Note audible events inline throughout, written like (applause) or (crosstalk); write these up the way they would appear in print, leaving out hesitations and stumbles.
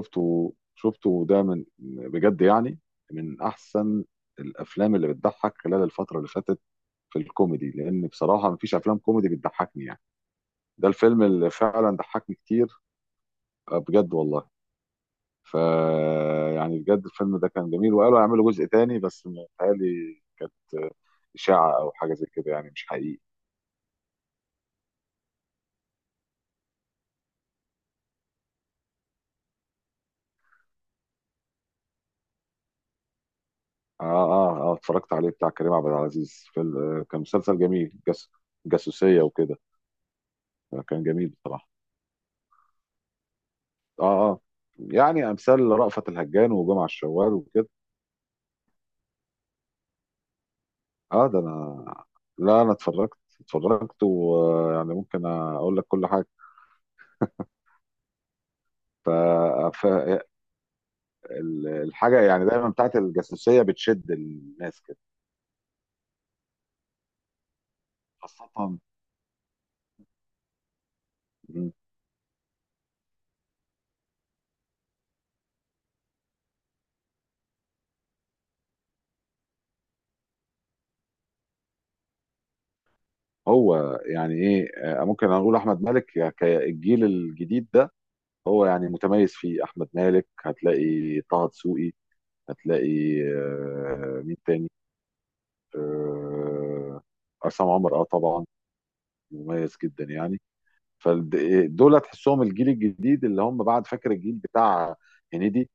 شفته ده من، بجد يعني، من احسن الافلام اللي بتضحك خلال الفتره اللي فاتت في الكوميدي، لان بصراحه مفيش افلام كوميدي بتضحكني يعني. ده الفيلم اللي فعلا ضحكني كتير. بجد والله. ف يعني بجد الفيلم ده كان جميل، وقالوا هيعملوا جزء تاني بس متهيألي كانت اشاعه او حاجه زي كده، يعني مش حقيقي. اه اه اه، اتفرجت عليه، بتاع كريم عبد العزيز. فيلم، كان مسلسل جميل، جاسوسيه وكده. كان جميل بصراحه. اه اه. يعني امثال رأفت الهجان وجمع الشوال وكده. اه ده انا، لا انا اتفرجت ويعني ممكن اقول لك كل حاجه. ف... ف... الحاجه يعني دايما بتاعت الجاسوسيه بتشد الناس كده، خاصه. مم. هو يعني ايه، ممكن اقول احمد مالك، الجيل الجديد ده هو يعني متميز فيه. احمد مالك، هتلاقي طه دسوقي، هتلاقي مين تاني، آه، عصام عمر. اه طبعا، مميز جدا يعني. فدول تحسهم الجيل الجديد، اللي هم بعد، فاكر الجيل بتاع هنيدي،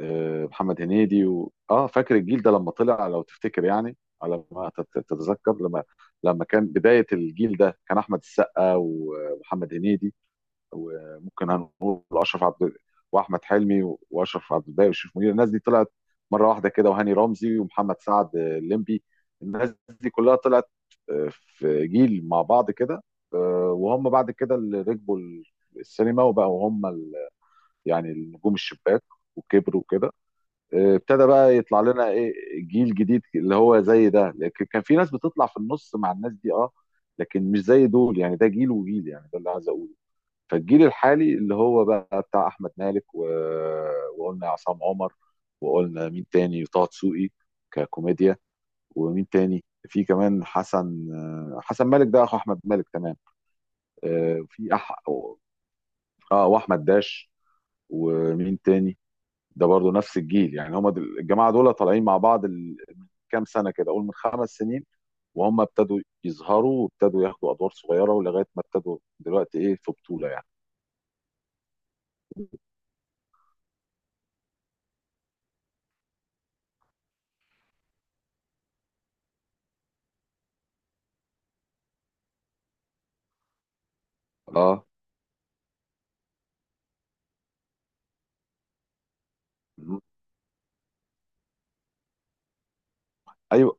محمد هنيدي و... اه فاكر الجيل ده لما طلع، لو تفتكر يعني، على ما تتذكر، لما لما كان بداية الجيل ده، كان احمد السقا ومحمد هنيدي، وممكن هنقول اشرف عبد، واحمد حلمي واشرف عبد الباقي وشريف منير. الناس دي طلعت مره واحده كده، وهاني رمزي ومحمد سعد الليمبي. الناس دي كلها طلعت في جيل مع بعض كده. وهم بعد كده اللي ركبوا السينما، وبقوا هم يعني النجوم الشباك، وكبروا كده. ابتدى بقى يطلع لنا ايه، جيل جديد اللي هو زي ده، لكن كان في ناس بتطلع في النص مع الناس دي اه، لكن مش زي دول يعني. ده جيل وجيل، يعني ده اللي عايز اقوله. فالجيل الحالي اللي هو بقى بتاع احمد مالك وقلنا عصام عمر، وقلنا مين تاني، طه دسوقي، ككوميديا، ومين تاني، في كمان حسن، حسن مالك ده اخو احمد مالك، تمام. آه، في أح... اه واحمد داش، ومين تاني، ده برضو نفس الجيل، يعني هم الجماعه دول طالعين مع بعض من كام سنه كده، قول من خمس سنين، وهم ابتدوا يظهروا وابتدوا ياخدوا ادوار صغيره، ولغايه ما ابتدوا دلوقتي ايه، في بطوله يعني. اه. مم. ايوه.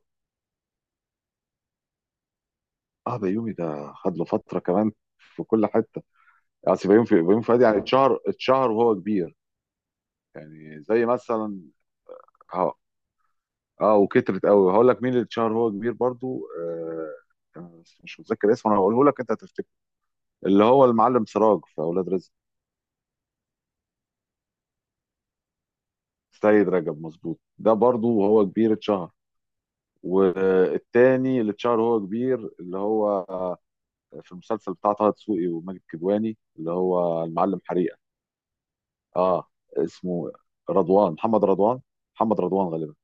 اه بيومي ده خد له فتره كمان، في كل حته. يعني أصل بيومي، في بيومي فؤاد يعني اتشهر وهو كبير. يعني زي مثلا، اه. اه وكترت قوي. هقول لك مين اللي اتشهر وهو كبير برضو، أنا بس مش متذكر اسمه، انا هقوله لك انت هتفتكر، اللي هو المعلم سراج في اولاد رزق. سيد رجب، مظبوط، ده برضو وهو كبير اتشهر. والتاني اللي اتشهر وهو كبير، اللي هو في المسلسل بتاع طه دسوقي وماجد كدواني، اللي هو المعلم حريق. اه اسمه رضوان، محمد رضوان، محمد رضوان غالبا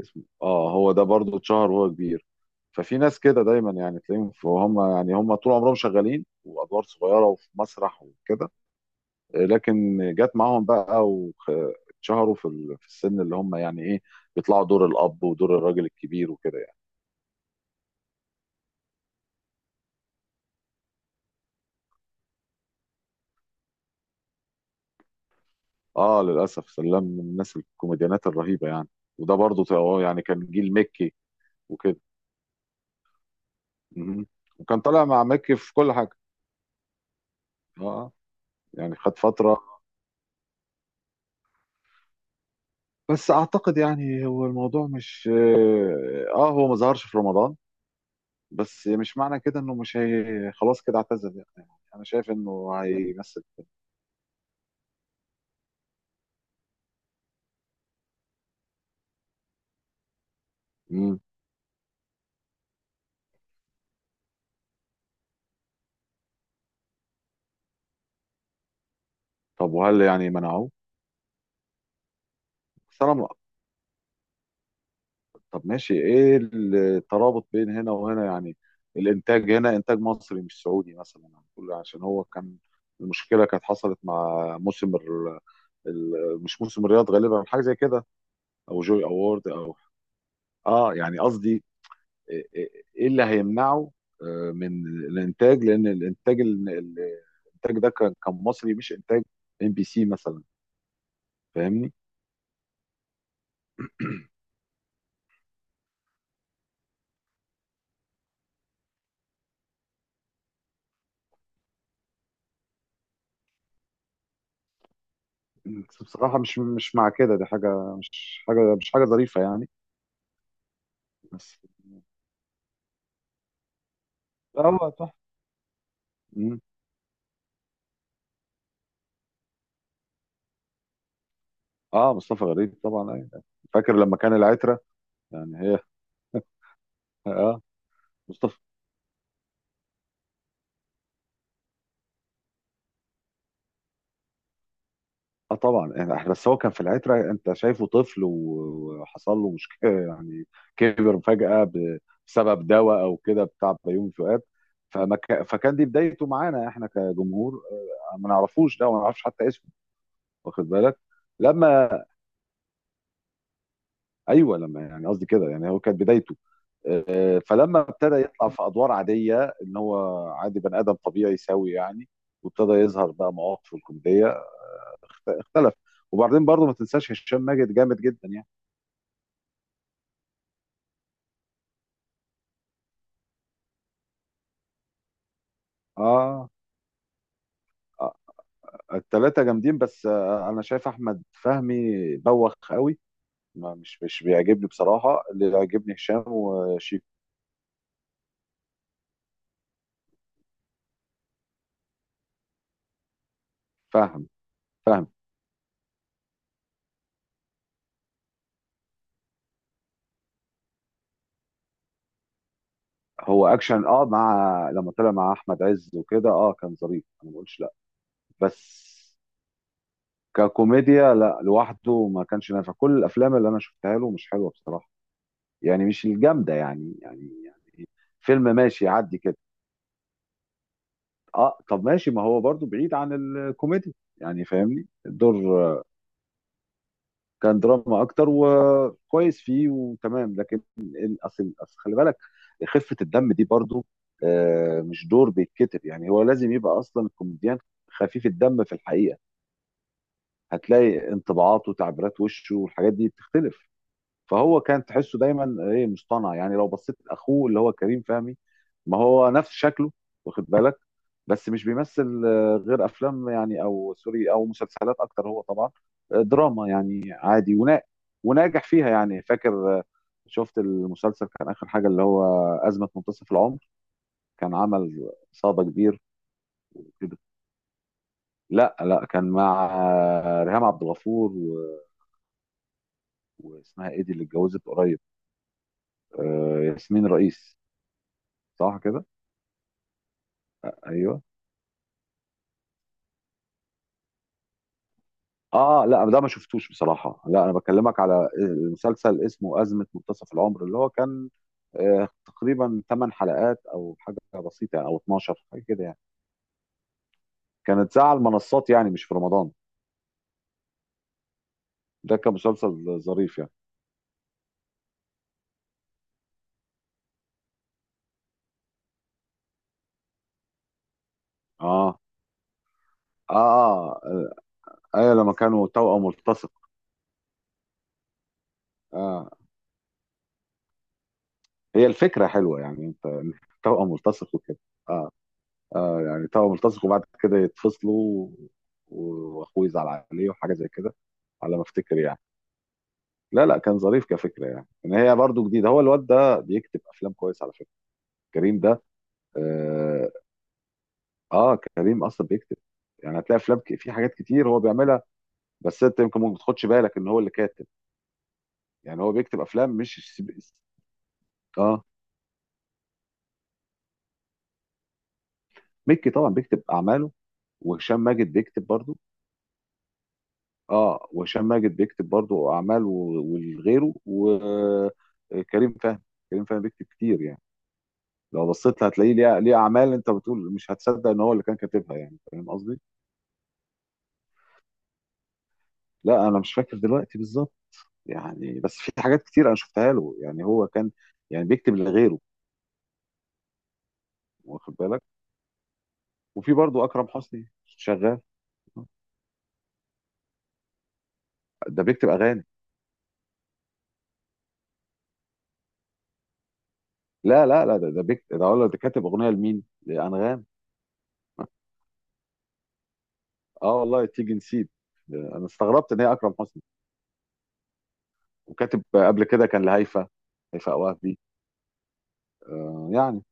اسمه. اه هو ده برضه اتشهر وهو كبير. ففي ناس كده دايما يعني تلاقيهم، فهم يعني هم طول عمرهم شغالين، وادوار صغيره وفي مسرح وكده، لكن جت معاهم بقى، واتشهروا في في السن اللي هم يعني ايه، بيطلعوا دور الاب ودور الراجل الكبير وكده يعني. اه للاسف، سلام من الناس الكوميديانات الرهيبه يعني. وده برضه يعني كان جيل مكي وكده. مهم. وكان طالع مع مكي في كل حاجه. اه يعني خد فترة. بس أعتقد يعني هو الموضوع، مش آه هو ما ظهرش في رمضان، بس مش معنى كده إنه مش، هي خلاص كده اعتزل يعني. أنا شايف إنه هيمثل. مم. طب وهل يعني منعوه؟ بس أنا م- طب ماشي، إيه الترابط بين هنا وهنا يعني؟ الإنتاج هنا إنتاج مصري مش سعودي مثلا هنقول، عشان هو كان المشكلة كانت حصلت مع موسم مش موسم الرياض غالبا، حاجة زي كده، أو جوي أوورد أو اه. يعني قصدي ايه اللي هيمنعه من الانتاج، لان الانتاج الانتاج ده كان، كان مصري، مش انتاج ام بي سي مثلا، فاهمني. بس بصراحه مش مع كده، دي حاجه مش حاجه مش حاجه ظريفه يعني. بس هو تحفة. مم. اه مصطفى غريب طبعا، أيوة. فاكر لما كان العترة يعني، هي اه، مصطفى، اه طبعا. يعني بس هو كان في العترة، انت شايفه طفل وحصل له مشكلة يعني، كبر فجأة بسبب دواء او كده بتاع بيومي فؤاد. فكان دي بدايته معانا احنا كجمهور، ما نعرفوش ده وما نعرفش حتى اسمه، واخد بالك، لما، ايوه لما، يعني قصدي كده، يعني هو كانت بدايته، فلما ابتدى يطلع في ادوار عادية ان هو عادي، بني ادم طبيعي سوي يعني، وابتدى يظهر بقى مواقفه الكوميدية، اختلف. وبعدين برضه ما تنساش هشام ماجد، جامد جدا يعني. اه آه، التلاتة جامدين، بس انا شايف احمد فهمي بوخ قوي، ما مش بيعجبني بصراحة. اللي بيعجبني هشام وشيك، فهم، فهم. هو اكشن اه، مع لما طلع مع احمد عز وكده اه، كان ظريف انا ما بقولش لا، بس ككوميديا لا، لوحده ما كانش نافع. كل الافلام اللي انا شفتها له مش حلوة بصراحة، يعني مش الجامدة يعني يعني يعني. فيلم ماشي يعدي كده. اه طب ماشي، ما هو برضو بعيد عن الكوميديا يعني، فاهمني، الدور كان دراما اكتر، وكويس فيه وتمام، لكن اصل خلي بالك، خفه الدم دي برضو مش دور بيتكتب، يعني هو لازم يبقى اصلا الكوميديان خفيف الدم في الحقيقه. هتلاقي انطباعاته وتعبيرات وشه والحاجات دي بتختلف. فهو كان تحسه دايما ايه، مصطنع. يعني لو بصيت لاخوه اللي هو كريم فهمي، ما هو نفس شكله، واخد بالك، بس مش بيمثل غير افلام يعني، او سوري او مسلسلات اكتر هو طبعا، دراما يعني عادي، ونا وناجح فيها يعني. فاكر شفت المسلسل كان اخر حاجه، اللي هو ازمه منتصف العمر، كان عمل صدى كبير وكده. لا لا، كان مع ريهام عبد الغفور واسمها ايه دي اللي اتجوزت قريب، ياسمين رئيس، صح كده. ايوه. اه لا، ده ما شفتوش بصراحه. لا انا بكلمك على المسلسل اسمه ازمه منتصف العمر، اللي هو كان تقريبا 8 حلقات او حاجه بسيطه يعني، او 12 حاجه كده يعني، كانت ساعه، على المنصات يعني مش في رمضان. ده كان مسلسل ظريف يعني. اه اه اه، ايوه لما كانوا توأم ملتصق. اه هي الفكره حلوه يعني، انت (laughs) توأم ملتصق وكده. اه يعني توأم ملتصق، وبعد كده يتفصلوا، واخوه يزعل عليه وحاجه زي كده، على ما افتكر يعني. لا لا، كان ظريف كفكره يعني، ان هي برضو جديده. هو الواد ده بيكتب افلام كويس على فكره، كريم ده. اه, آه كريم اصلا بيكتب، يعني هتلاقي افلام في حاجات كتير هو بيعملها، بس انت يمكن ما بتاخدش بالك ان هو اللي كاتب، يعني هو بيكتب افلام مش الس- اه مكي طبعا بيكتب اعماله، وهشام ماجد بيكتب برضو. اه وهشام ماجد بيكتب برضو اعمال وغيره، وكريم فهمي، كريم فهمي بيكتب كتير يعني. لو بصيت هتلاقيه ليه اعمال انت بتقول مش هتصدق ان هو اللي كان كاتبها، يعني فاهم قصدي. لا انا مش فاكر دلوقتي بالظبط، يعني بس في حاجات كتير انا شفتها له، يعني هو كان يعني بيكتب لغيره، واخد بالك. وفي برضه اكرم حسني شغال، ده بيكتب اغاني. لا ده ده بيكتب، ده اقول لك ده كاتب اغنيه لمين؟ لانغام. اه والله، تيجي نسيت، انا استغربت ان هي اكرم حسني. وكاتب قبل كده كان لهيفا، هيفاء وهبي، يعني،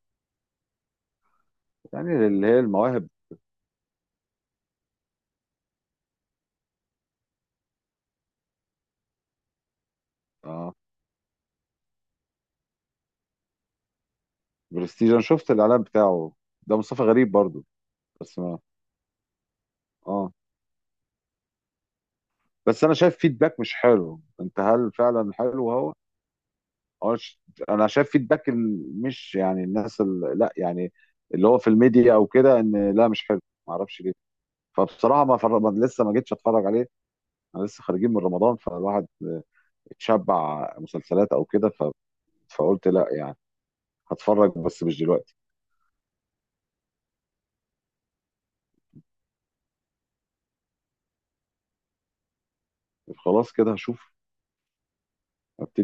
يعني اللي هي المواهب. اه برستيج، انا شفت الاعلان بتاعه، ده مصطفى غريب برضه. بس ما اه. بس انا شايف فيدباك مش حلو، انت هل فعلا حلو هو؟ اه انا شايف فيدباك مش يعني الناس لا يعني، اللي هو في الميديا او كده ان لا مش حلو، ما اعرفش ليه. فبصراحه ما لسه ما جيتش اتفرج عليه. انا لسه خارجين من رمضان، فالواحد اتشبع مسلسلات او كده، فقلت لا يعني، هتفرج بس مش دلوقتي. خلاص كده هشوف، ابتدي